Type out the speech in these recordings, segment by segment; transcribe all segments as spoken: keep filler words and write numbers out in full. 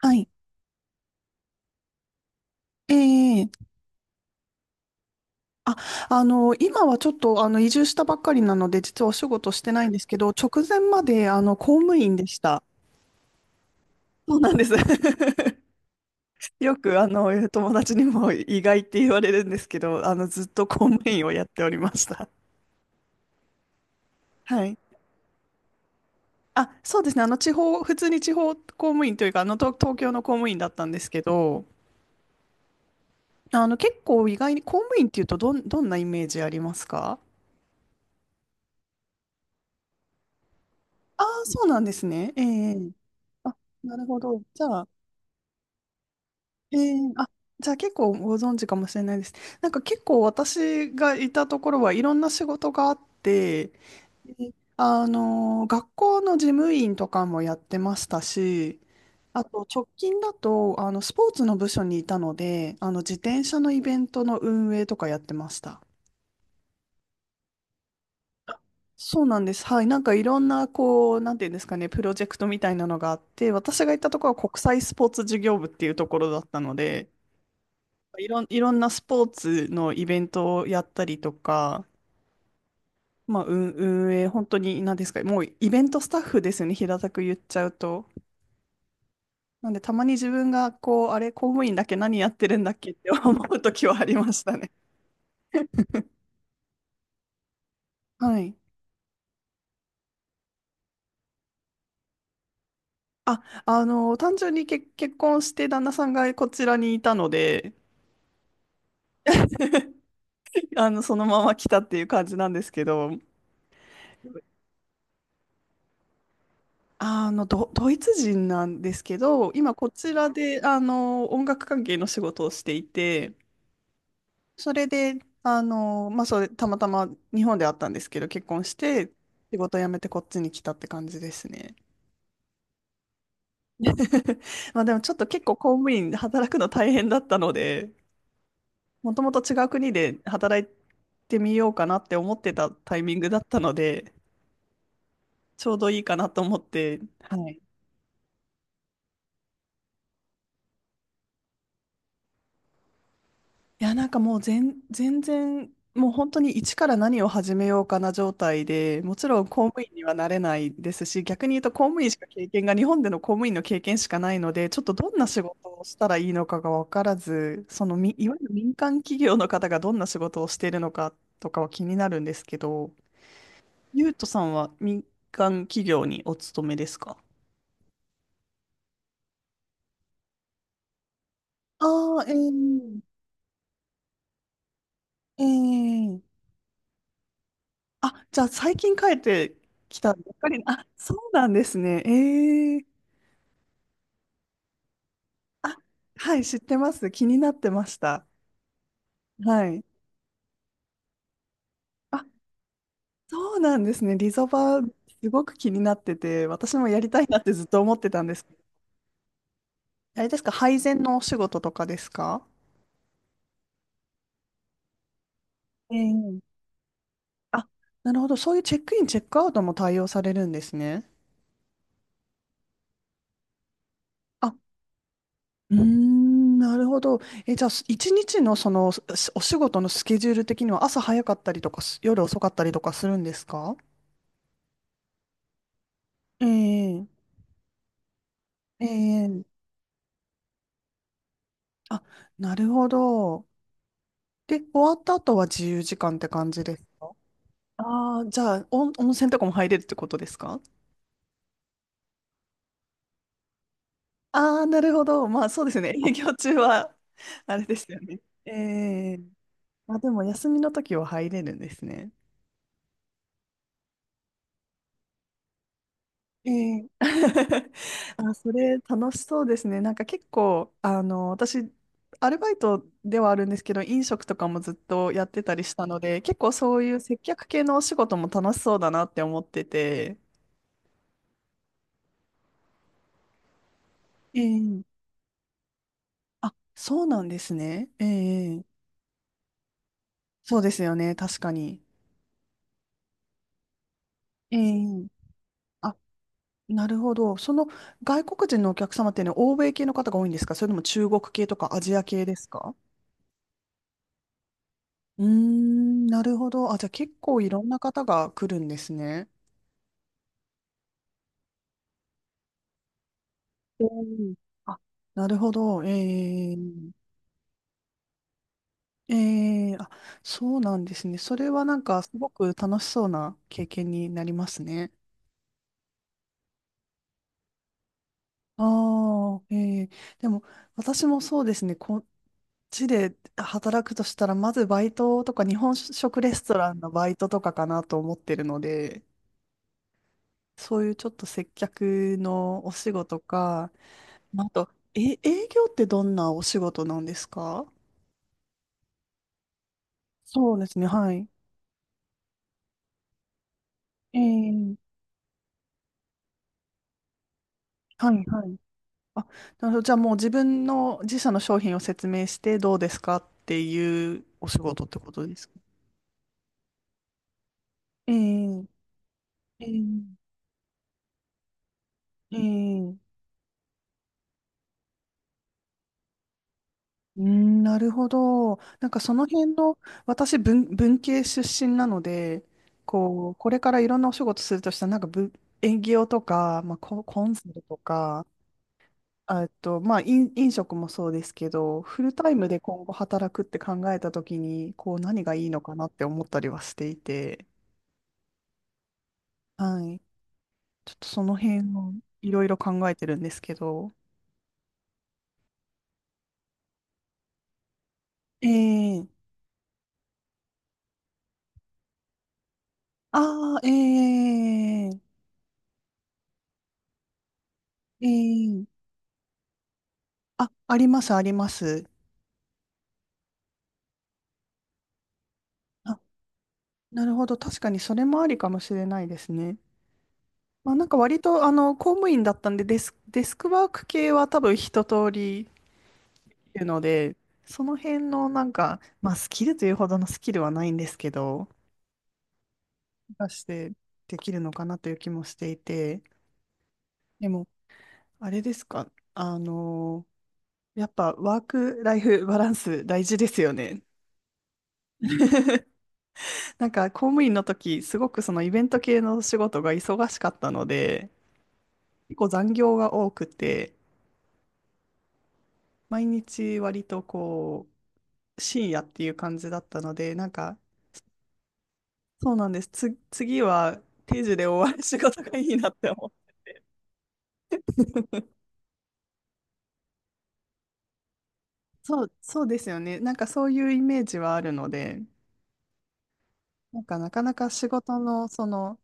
はい。ええ。あ、あの、今はちょっと、あの、移住したばっかりなので、実はお仕事してないんですけど、直前まで、あの、公務員でした。そうなんです。よく、あの、友達にも意外って言われるんですけど、あの、ずっと公務員をやっておりました。はい。あ、そうですね。あの、地方、普通に地方公務員というか、あの、東東京の公務員だったんですけど、あの、結構意外に公務員っていうと、どん、どんなイメージありますか？ああ、そうなんですね。ええ。あ、なるほど。じゃあ、えー、あ、じゃあ結構ご存知かもしれないです。なんか結構私がいたところはいろんな仕事があって、であの、学校の事務員とかもやってましたし、あと直近だとあのスポーツの部署にいたので、あの自転車のイベントの運営とかやってました。そうなんです。はい。なんかいろんな、こう、なんていうんですかね、プロジェクトみたいなのがあって、私が行ったところは国際スポーツ事業部っていうところだったので、いろん、いろんなスポーツのイベントをやったりとか、まあ、運、運営、本当に何ですか、もうイベントスタッフですよね、平たく言っちゃうと。なんで、たまに自分が、こう、あれ、公務員だけ何やってるんだっけって 思う時はありましたね。はい。あ、あの、単純に結、結婚して旦那さんがこちらにいたので、あの、そのまま来たっていう感じなんですけど、あの、ド、ドイツ人なんですけど、今こちらで、あの、音楽関係の仕事をしていて、それで、あの、まあ、それ、たまたま日本であったんですけど、結婚して、仕事辞めてこっちに来たって感じですね。まあ、でもちょっと結構公務員で働くの大変だったので、もともと違う国で働いてみようかなって思ってたタイミングだったので、ちょうどいいかなと思って、はい。いや、なんかもう全、全然、もう本当に一から何を始めようかな状態で、もちろん公務員にはなれないですし、逆に言うと公務員しか経験が、日本での公務員の経験しかないので、ちょっとどんな仕事をしたらいいのかが分からず、そのみ、いわゆる民間企業の方がどんな仕事をしているのかとかは気になるんですけど、ゆうとさんは民間企業にお勤めですか？ああー、ええ。ええ。あ、じゃあ最近帰ってきたばっかり、あ、そうなんですね。ええ。あ、はい、知ってます。気になってました。はい。あ、そうなんですね。リゾバ、すごく気になってて、私もやりたいなってずっと思ってたんですけど。あれですか、配膳のお仕事とかですか？ええ。あ、なるほど。そういうチェックイン、チェックアウトも対応されるんですね。あ、うーん、なるほど。え、じゃあ、す一日のその、すお仕事のスケジュール的には朝早かったりとかす、夜遅かったりとかするんですか？ええ、ええ。あ、なるほど。で、終わった後は自由時間って感じですか？ああー、じゃあ、温温泉とかも入れるってことですか？ああ、なるほど。まあ、そうですね。営業中は、あれですよね。ええ。あ、でも、休みの時は入れるんですね。ええ。 あ、それ楽しそうですね。なんか結構、あの、私、アルバイトではあるんですけど、飲食とかもずっとやってたりしたので、結構そういう接客系のお仕事も楽しそうだなって思ってて。ええ。あ、そうなんですね。ええ。そうですよね。確かに。ええ。あ、なるほど。その外国人のお客様っていうのは欧米系の方が多いんですか、それとも中国系とかアジア系ですか？うーん、なるほど。あ、じゃあ結構いろんな方が来るんですね。うん。あ、なるほど。えー、えー、あ、そうなんですね。それはなんかすごく楽しそうな経験になりますね。ああ、ええ。でも私もそうですね。こっちで働くとしたら、まずバイトとか日本食レストランのバイトとかかなと思ってるので、そういうちょっと接客のお仕事か、なんと、え、営業ってどんなお仕事なんですか？そうですね、はい。えー、はい、はい。あ、なるほど。じゃあもう自分の自社の商品を説明してどうですかっていうお仕事ってことですか？えー、えー、えー、うーん、なるほど。なんかその辺の、私文、文系出身なので、こう、これからいろんなお仕事するとしたら、なんか文、営業とか、まあ、コ、コンサルとか、あえっと、まあ、飲、飲食もそうですけど、フルタイムで今後働くって考えたときに、こう、何がいいのかなって思ったりはしていて、はい。ちょっとその辺をいろいろ考えてるんですけど、ええ。ああ、ええ。ええ。あ、あります、あります。あ、なるほど。確かにそれもありかもしれないですね。まあ、なんか割と、あの、公務員だったんで、デス、デスクワーク系は多分一通りていうので、その辺のなんか、まあ、スキルというほどのスキルはないんですけど、出してできるのかなという気もしていて、でも、あれですか、あの、やっぱワークライフバランス大事ですよね。なんか公務員の時、すごくそのイベント系の仕事が忙しかったので、結構残業が多くて、毎日割とこう、深夜っていう感じだったので、なんか、そうなんです。つ、次は定時で終わる仕事がいいなって思う。そう、そうですよね。なんかそういうイメージはあるので、なんかなかなか仕事の、その、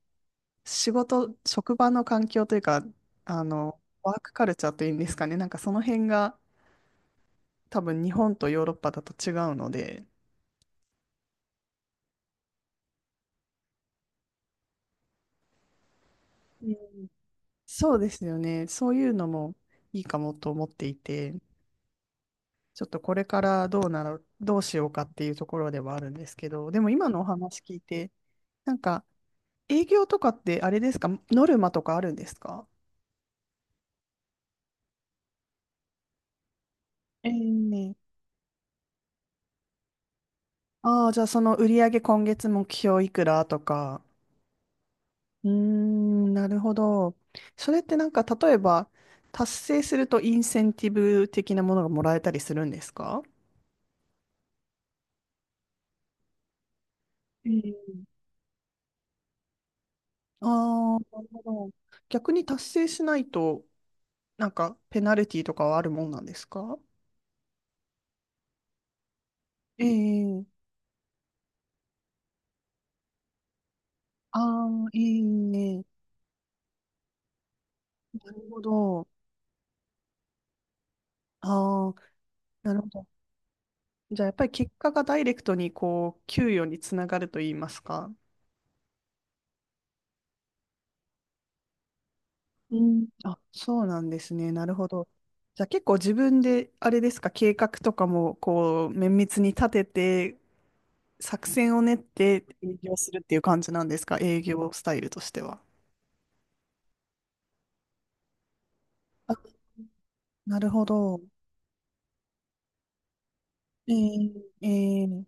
仕事、職場の環境というか、あの、ワークカルチャーというんですかね。なんかその辺が多分日本とヨーロッパだと違うので、うん、そうですよね。そういうのもいいかもと思っていて、ちょっとこれからどうなら、どうしようかっていうところではあるんですけど、でも今のお話聞いて、なんか営業とかってあれですか、ノルマとかあるんですか？えー。ああ、じゃあその売上今月目標いくらとか。うーん、なるほど。それってなんか例えば達成するとインセンティブ的なものがもらえたりするんですか？うん。ああ、なるほど。逆に達成しないとなんかペナルティとかはあるもんなんですか？ええ。ああ。ええ。なるほど。ああ、なるほど。じゃあやっぱり結果がダイレクトにこう給与につながると言いますか。うん。あ、そうなんですね。なるほど。じゃあ結構自分で、あれですか、計画とかも、こう、綿密に立てて、作戦を練って営業するっていう感じなんですか、営業スタイルとしては。あ、なるほど。えー、えー、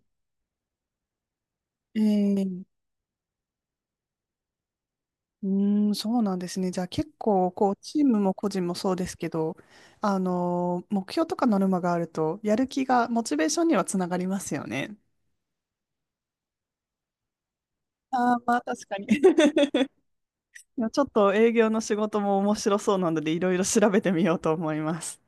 えー、うーん、そうなんですね。じゃあ結構、こう、チームも個人もそうですけど、あのー目標とかノルマがあると、やる気が、モチベーションにはつながりますよね。ああ、まあ確かに。いやちょっと営業の仕事も面白そうなので、いろいろ調べてみようと思います。